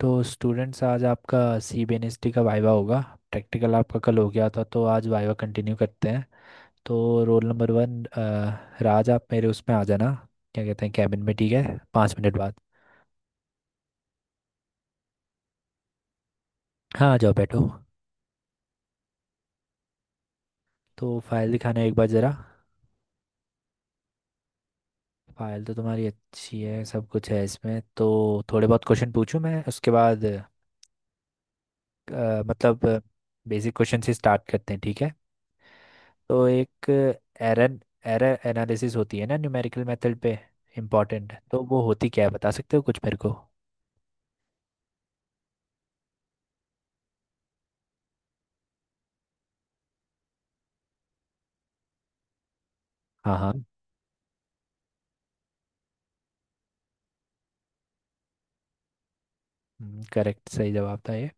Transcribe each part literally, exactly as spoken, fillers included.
तो स्टूडेंट्स आज आपका C B N S T का वाइवा होगा। प्रैक्टिकल आपका कल हो गया था, तो आज वाइवा कंटिन्यू करते हैं। तो रोल नंबर वन, अ, राज, आप मेरे उसमें आ जाना, क्या कहते हैं, कैबिन में। ठीक है, पाँच मिनट बाद। हाँ, आ जाओ, बैठो। तो फाइल दिखाना एक बार ज़रा। फाइल तो तुम्हारी अच्छी है, सब कुछ है इसमें तो। थोड़े बहुत क्वेश्चन पूछूं मैं उसके बाद, अ, मतलब बेसिक क्वेश्चन से स्टार्ट करते हैं, ठीक है। तो एक एरर एरर एनालिसिस होती है ना न्यूमेरिकल मेथड पे, इम्पॉर्टेंट। तो वो होती क्या है, बता सकते हो कुछ मेरे को? हाँ हाँ। हम्म, करेक्ट, सही जवाब था ये।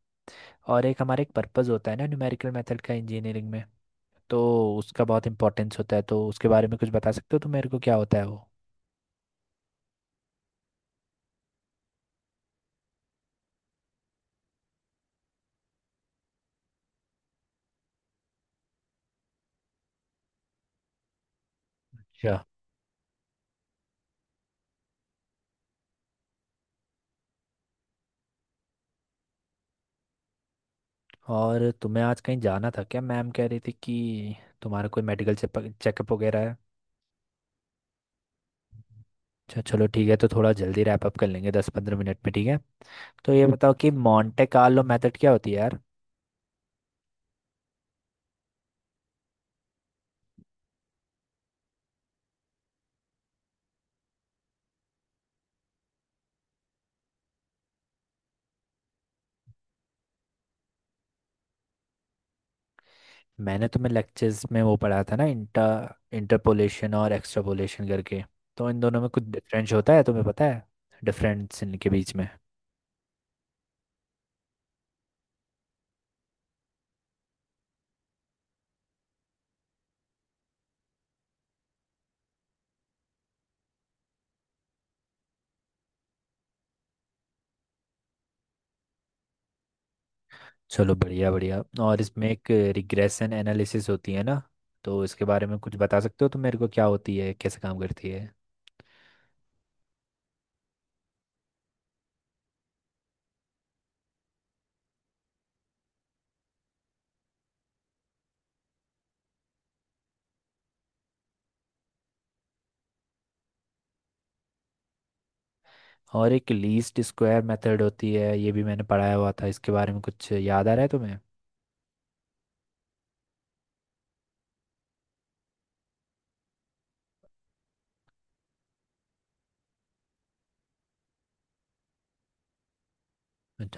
और एक हमारा एक पर्पस होता है ना न्यूमेरिकल मेथड का इंजीनियरिंग में, तो उसका बहुत इंपॉर्टेंस होता है, तो उसके बारे में कुछ बता सकते हो तो मेरे को, क्या होता है वो? अच्छा। और तुम्हें आज कहीं जाना था क्या? मैम कह रही थी कि तुम्हारा कोई मेडिकल चेकअप वगैरह है। अच्छा, चलो ठीक है, तो थोड़ा जल्दी रैप अप कर लेंगे, दस पंद्रह मिनट में, ठीक है। तो ये बताओ कि मॉन्टे कार्लो मेथड क्या होती है यार। मैंने तुम्हें लेक्चर्स में वो पढ़ा था ना, इंटर इंटरपोलेशन और एक्सट्रापोलेशन करके। तो इन दोनों में कुछ डिफरेंस होता है, तुम्हें पता है डिफरेंस इनके बीच में? चलो, बढ़िया बढ़िया। और इसमें एक रिग्रेशन एनालिसिस होती है ना, तो इसके बारे में कुछ बता सकते हो तुम मेरे को, क्या होती है, कैसे काम करती है? और एक लीस्ट स्क्वायर मेथड होती है, ये भी मैंने पढ़ाया हुआ था, इसके बारे में कुछ याद आ रहा है तुम्हें?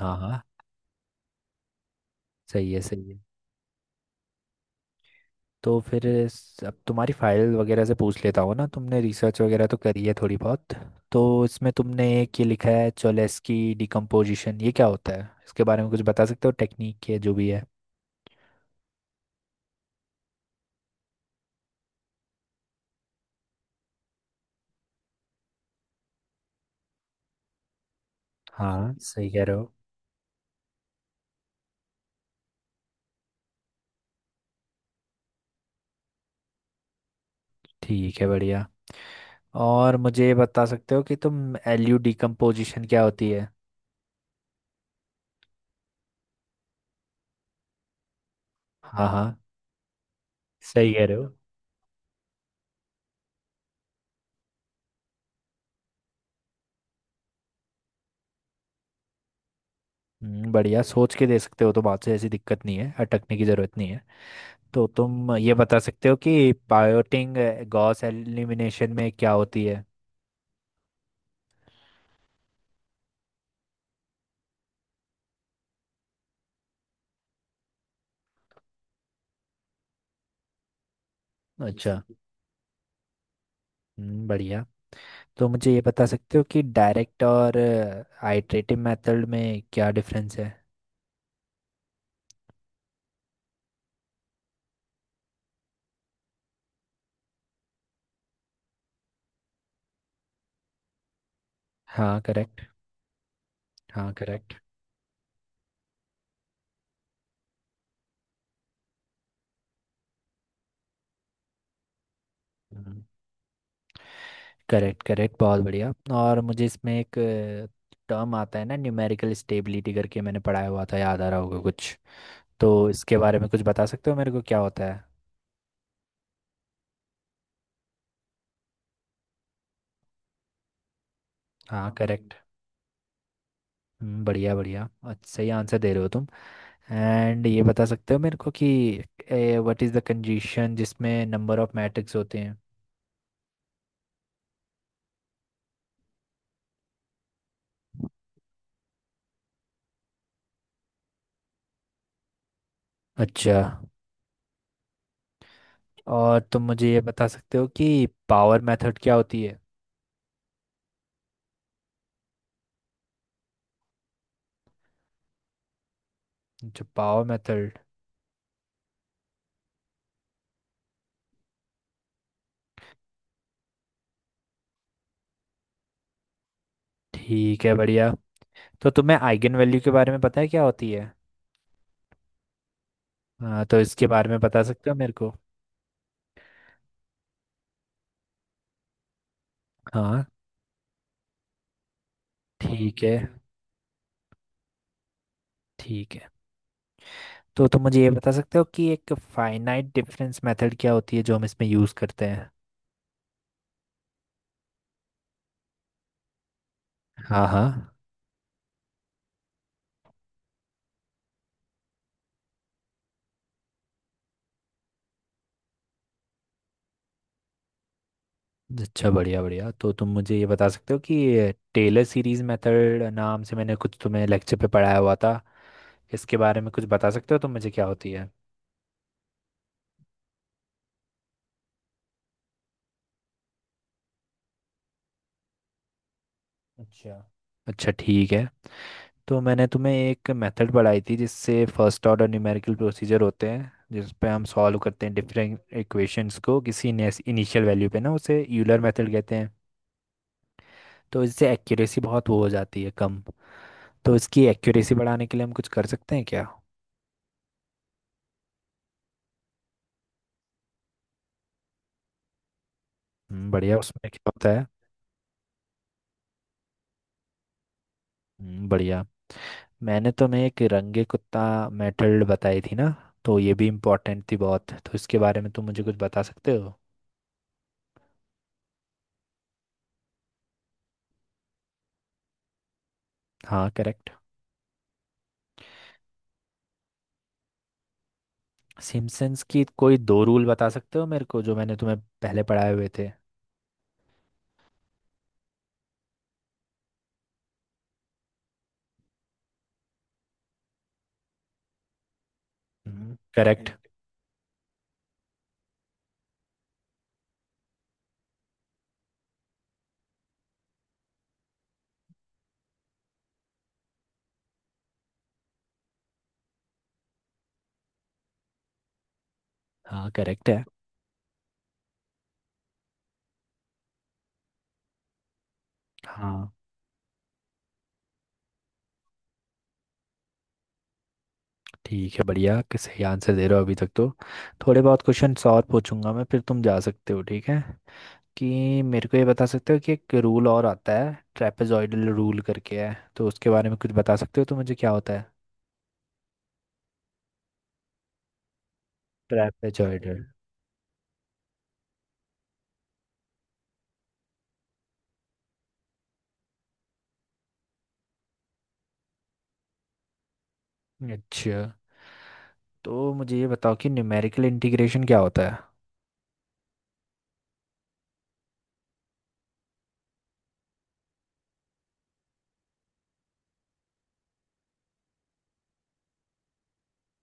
हाँ हाँ, सही है सही है। तो फिर इस- अब तुम्हारी फाइल वगैरह से पूछ लेता हूँ ना, तुमने रिसर्च वगैरह तो करी है थोड़ी बहुत। तो इसमें तुमने एक ये लिखा है, चोलेस्की डिकम्पोजिशन, ये क्या होता है, इसके बारे में कुछ बता सकते हो टेक्निक के जो भी है? हाँ, सही कह रहे हो। ठीक है, बढ़िया। और मुझे ये बता सकते हो कि तुम एलयू डिकम्पोजिशन क्या होती है? हाँ हाँ, सही कह रहे हो। हम्म, बढ़िया, सोच के दे सकते हो तो, बात से ऐसी दिक्कत नहीं है, अटकने की जरूरत नहीं है। तो तुम ये बता सकते हो कि पायोटिंग गॉस एलिमिनेशन में क्या होती है? अच्छा। हम्म, बढ़िया। तो मुझे ये बता सकते हो कि डायरेक्ट और आइट्रेटिव मेथड में क्या डिफरेंस है? हाँ, करेक्ट। हाँ, करेक्ट करेक्ट करेक्ट, बहुत बढ़िया। और मुझे इसमें एक टर्म आता है ना, न्यूमेरिकल स्टेबिलिटी करके, मैंने पढ़ाया हुआ था, याद आ रहा होगा कुछ। तो इसके बारे में कुछ बता सकते हो मेरे को क्या होता है? हाँ, करेक्ट। हम्म, बढ़िया बढ़िया, अच्छा, सही आंसर दे रहे हो तुम। एंड ये बता सकते हो मेरे को कि व्हाट इज़ द कंडीशन जिसमें नंबर ऑफ मैट्रिक्स होते हैं? अच्छा। और तुम मुझे ये बता सकते हो कि पावर मेथड क्या होती है? जो पावर मेथड ठीक है, बढ़िया। तो तुम्हें आइगन वैल्यू के बारे में पता है क्या होती है? हाँ, तो इसके बारे में बता सकते हो मेरे को? हाँ। ठीक है, ठीक है। तो तुम मुझे ये बता सकते हो कि एक फाइनाइट डिफरेंस मेथड क्या होती है जो हम इसमें यूज़ करते हैं? हाँ हाँ। अच्छा, बढ़िया बढ़िया। तो तुम मुझे ये बता सकते हो कि टेलर सीरीज मेथड नाम से मैंने कुछ तुम्हें लेक्चर पे पढ़ाया हुआ था, इसके बारे में कुछ बता सकते हो तुम मुझे क्या होती है? अच्छा। अच्छा, ठीक है। तो मैंने तुम्हें एक मेथड पढ़ाई थी जिससे फर्स्ट ऑर्डर न्यूमेरिकल प्रोसीजर होते हैं, जिस पे हम सॉल्व करते हैं डिफरेंट इक्वेशंस को, किसी इनिशियल वैल्यू पे ना, उसे यूलर मेथड कहते हैं। तो इससे एक्यूरेसी बहुत वो हो जाती है कम, तो इसकी एक्यूरेसी बढ़ाने के लिए हम कुछ कर सकते हैं क्या? हम्म, बढ़िया, उसमें क्या होता है? हम्म, बढ़िया। मैंने तुम्हें एक रंगे कुत्ता मेथड बताई थी ना, तो ये भी इम्पोर्टेंट थी बहुत, तो इसके बारे में तुम मुझे कुछ बता सकते हो? हाँ, करेक्ट। सिम्पसन्स की कोई दो रूल बता सकते हो मेरे को, जो मैंने तुम्हें पहले पढ़ाए हुए थे? हम्म, करेक्ट। हाँ, करेक्ट है। हाँ, ठीक है, बढ़िया, कि सही आंसर दे रहे हो अभी तक तो। थोड़े बहुत क्वेश्चंस और पूछूंगा मैं, फिर तुम जा सकते हो, ठीक है। कि मेरे को ये बता सकते हो कि एक रूल और आता है ट्रेपेजॉइडल रूल करके है, तो उसके बारे में कुछ बता सकते हो तो मुझे क्या होता है? ट्रेपेजॉइडल। अच्छा। तो मुझे ये बताओ कि न्यूमेरिकल इंटीग्रेशन क्या होता है?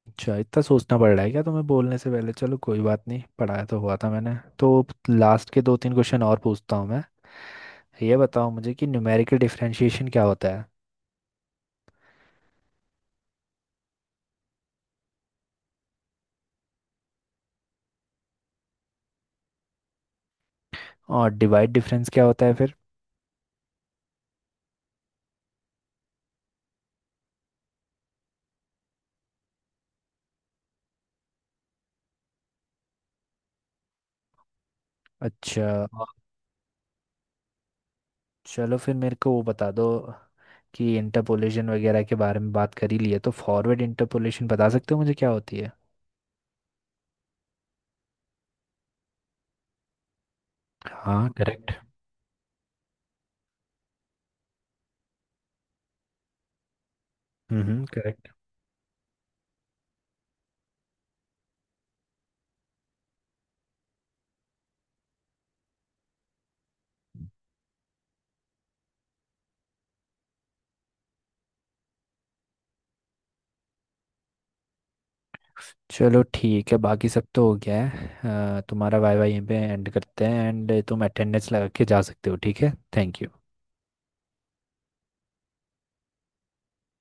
अच्छा, इतना सोचना पड़ रहा है क्या तुम्हें बोलने से पहले? चलो कोई बात नहीं, पढ़ाया तो हुआ था मैंने तो। लास्ट के दो तीन क्वेश्चन और पूछता हूँ मैं। ये बताओ मुझे कि न्यूमेरिकल डिफरेंशिएशन क्या होता है? और डिवाइड डिफरेंस क्या होता है फिर? अच्छा। और चलो फिर मेरे को वो बता दो, कि इंटरपोलेशन वगैरह के बारे में बात कर ही लिए, तो फॉरवर्ड इंटरपोलेशन बता सकते हो मुझे क्या होती है? हाँ, करेक्ट। हम्म चलो ठीक है, बाकी सब तो हो गया है। अ, तुम्हारा वाई वाई यहीं पे एंड करते हैं, एंड तुम अटेंडेंस लगा के जा सकते हो, ठीक है, थैंक यू।